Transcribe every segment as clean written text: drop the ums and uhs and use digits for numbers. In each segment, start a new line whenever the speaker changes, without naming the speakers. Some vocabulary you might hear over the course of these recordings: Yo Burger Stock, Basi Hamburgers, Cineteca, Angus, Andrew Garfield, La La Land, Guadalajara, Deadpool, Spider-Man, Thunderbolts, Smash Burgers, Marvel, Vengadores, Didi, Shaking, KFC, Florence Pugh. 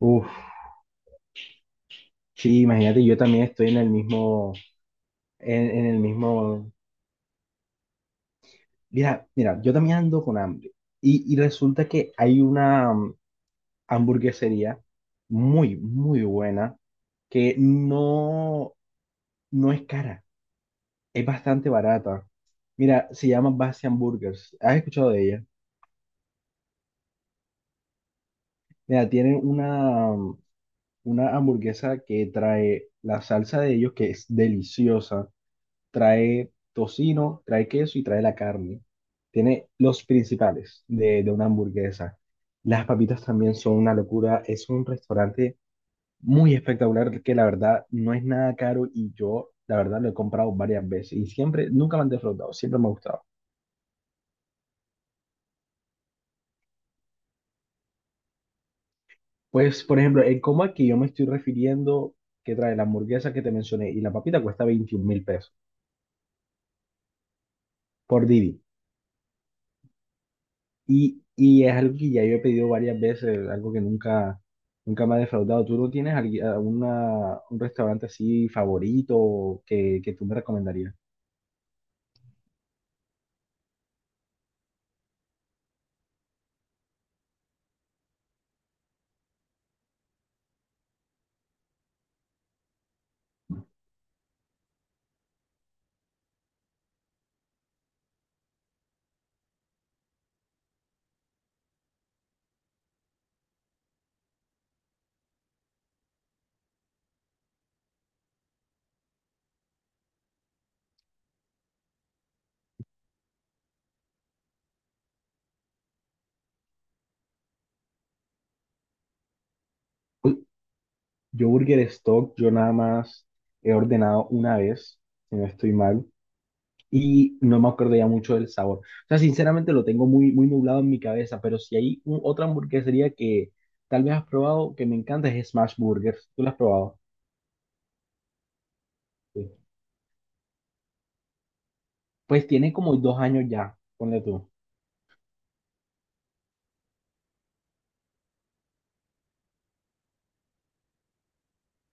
Uf, sí, imagínate, yo también estoy en el mismo, en el mismo. Mira, mira, yo también ando con hambre y resulta que hay una hamburguesería muy, muy buena que no, no es cara, es bastante barata. Mira, se llama Basi Hamburgers, ¿has escuchado de ella? Mira, tienen una hamburguesa que trae la salsa de ellos que es deliciosa, trae tocino, trae queso y trae la carne. Tiene los principales de una hamburguesa. Las papitas también son una locura. Es un restaurante muy espectacular que la verdad no es nada caro y yo la verdad lo he comprado varias veces y siempre, nunca me han defraudado, siempre me ha gustado. Pues, por ejemplo, el combo al que yo me estoy refiriendo, que trae la hamburguesa que te mencioné y la papita cuesta 21.000 pesos por Didi. Y es algo que ya yo he pedido varias veces, algo que nunca, nunca me ha defraudado. ¿Tú no tienes alguna, un restaurante así favorito que tú me recomendarías? Uy, yo Burger Stock, yo nada más he ordenado una vez, si no estoy mal, y no me acuerdo ya mucho del sabor. O sea, sinceramente lo tengo muy, muy nublado en mi cabeza, pero si hay otra hamburguesería que tal vez has probado, que me encanta, es Smash Burgers. ¿Tú la has probado? Sí. Pues tiene como 2 años ya, ponle tú.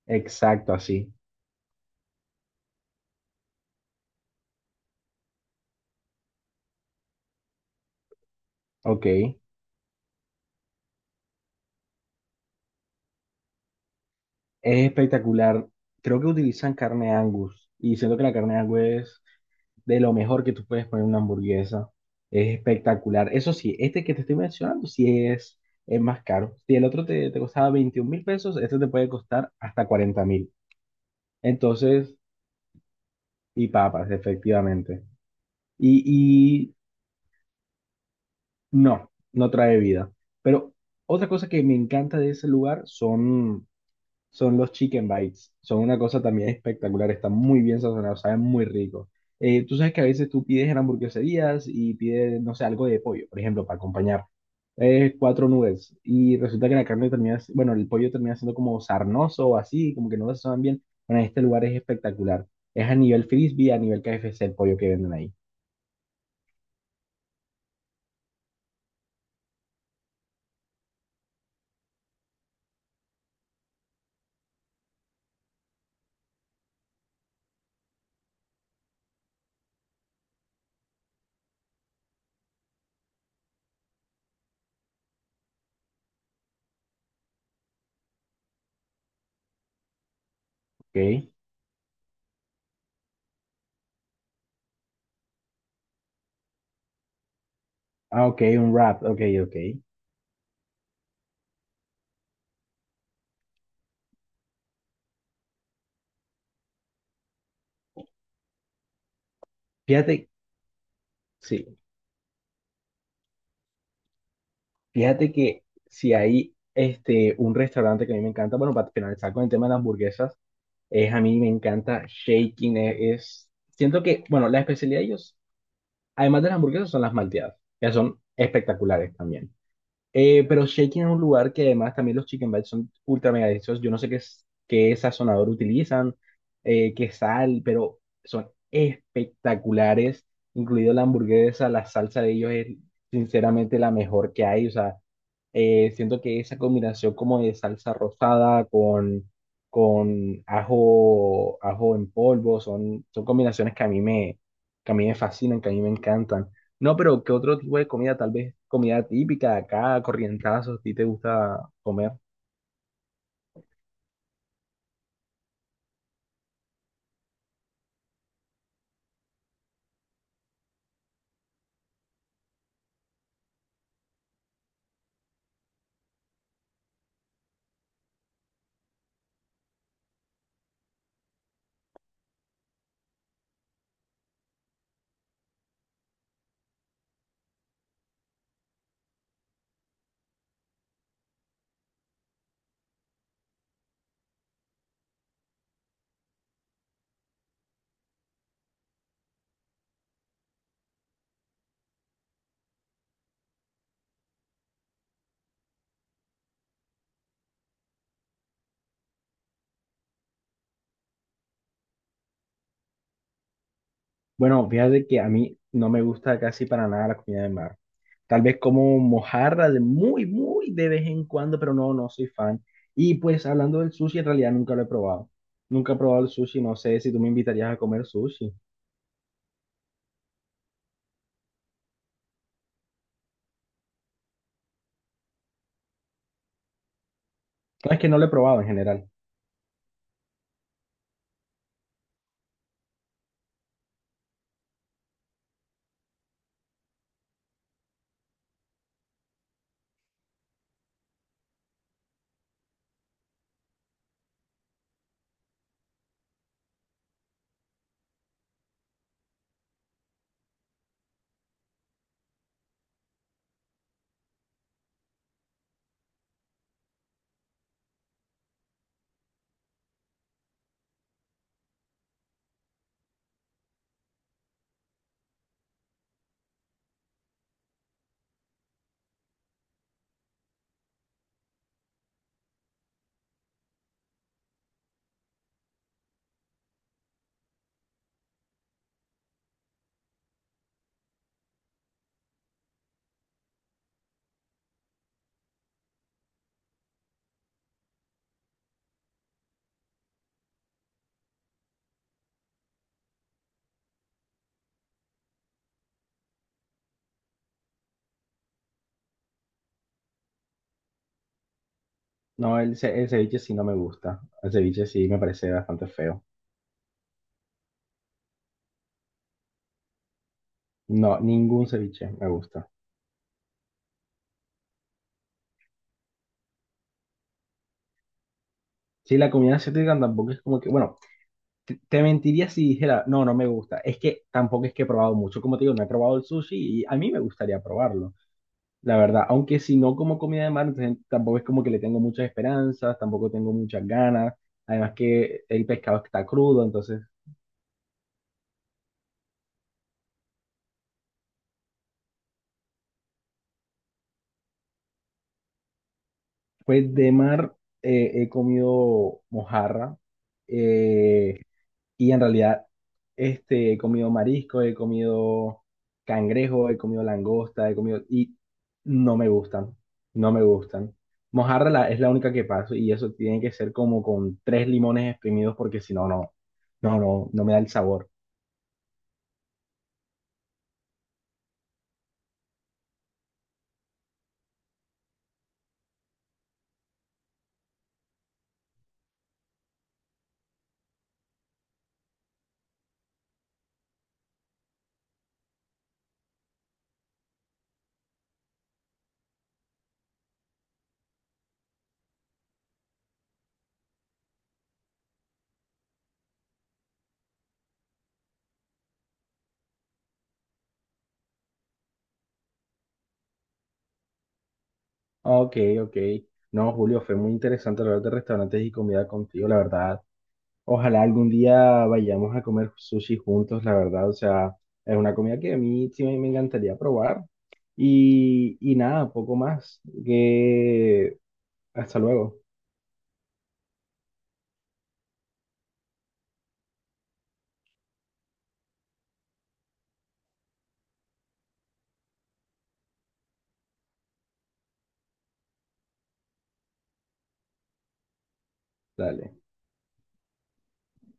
Exacto, así. Ok. Es espectacular. Creo que utilizan carne Angus y siento que la carne Angus es de lo mejor que tú puedes poner en una hamburguesa. Es espectacular. Eso sí, este que te estoy mencionando sí es, más caro. Si el otro te costaba 21.000 pesos, este te puede costar hasta 40.000. Entonces, y papas, efectivamente. Y, y no, no trae vida. Pero otra cosa que me encanta de ese lugar son los chicken bites. Son una cosa también espectacular, están muy bien sazonados, saben muy rico. Tú sabes que a veces tú pides en hamburgueserías y pides, no sé, algo de pollo, por ejemplo, para acompañar. Cuatro nubes. Y resulta que la carne termina, bueno, el pollo termina siendo como sarnoso o así, como que no lo sazonan bien. Bueno, este lugar es espectacular. Es a nivel frisbee, a nivel KFC el pollo que venden ahí. ¿Ok? Ah, ok, un wrap. Ok, ok. Fíjate, sí. Fíjate que si hay este, un restaurante que a mí me encanta, bueno, para finalizar con el tema de las hamburguesas, es a mí me encanta Shaking, es, siento que, bueno, la especialidad de ellos, además de las hamburguesas, son las malteadas, que son espectaculares también. Pero Shaking es un lugar que además también los chicken bites son ultra mega deliciosos. Yo no sé qué, qué sazonador utilizan, qué sal, pero son espectaculares, incluido la hamburguesa, la salsa de ellos es sinceramente la mejor que hay. O sea, siento que esa combinación como de salsa rosada con, ajo, ajo en polvo son combinaciones que a mí me, que a mí me fascinan, que a mí me encantan. No, pero ¿qué otro tipo de comida? Tal vez comida típica de acá, corrientazos, ¿a ti te gusta comer? Bueno, fíjate que a mí no me gusta casi para nada la comida de mar. Tal vez como mojarra de muy, muy de vez en cuando, pero no, no soy fan. Y pues hablando del sushi, en realidad nunca lo he probado. Nunca he probado el sushi, no sé si tú me invitarías a comer sushi. No, es que no lo he probado en general. No, el ceviche sí no me gusta. El ceviche sí me parece bastante feo. No, ningún ceviche me gusta. Sí, la comida asiática tampoco es como que, bueno. Te mentiría si dijera, no, no me gusta. Es que tampoco es que he probado mucho. Como te digo, no he probado el sushi y a mí me gustaría probarlo, la verdad. Aunque si no como comida de mar, entonces tampoco es como que le tengo muchas esperanzas, tampoco tengo muchas ganas. Además que el pescado está crudo, entonces, pues de mar he comido mojarra. eh, Y en realidad, este, he comido marisco, he comido cangrejo, he comido langosta, he comido... Y no me gustan, no me gustan. Mojarra es la única que paso y eso tiene que ser como con tres limones exprimidos porque si no, no, no, no, no me da el sabor. Ok, ok. No, Julio, fue muy interesante hablar de restaurantes y comida contigo, la verdad. Ojalá algún día vayamos a comer sushi juntos, la verdad. O sea, es una comida que a mí sí me encantaría probar. Y nada, poco más. Que hasta luego. Dale.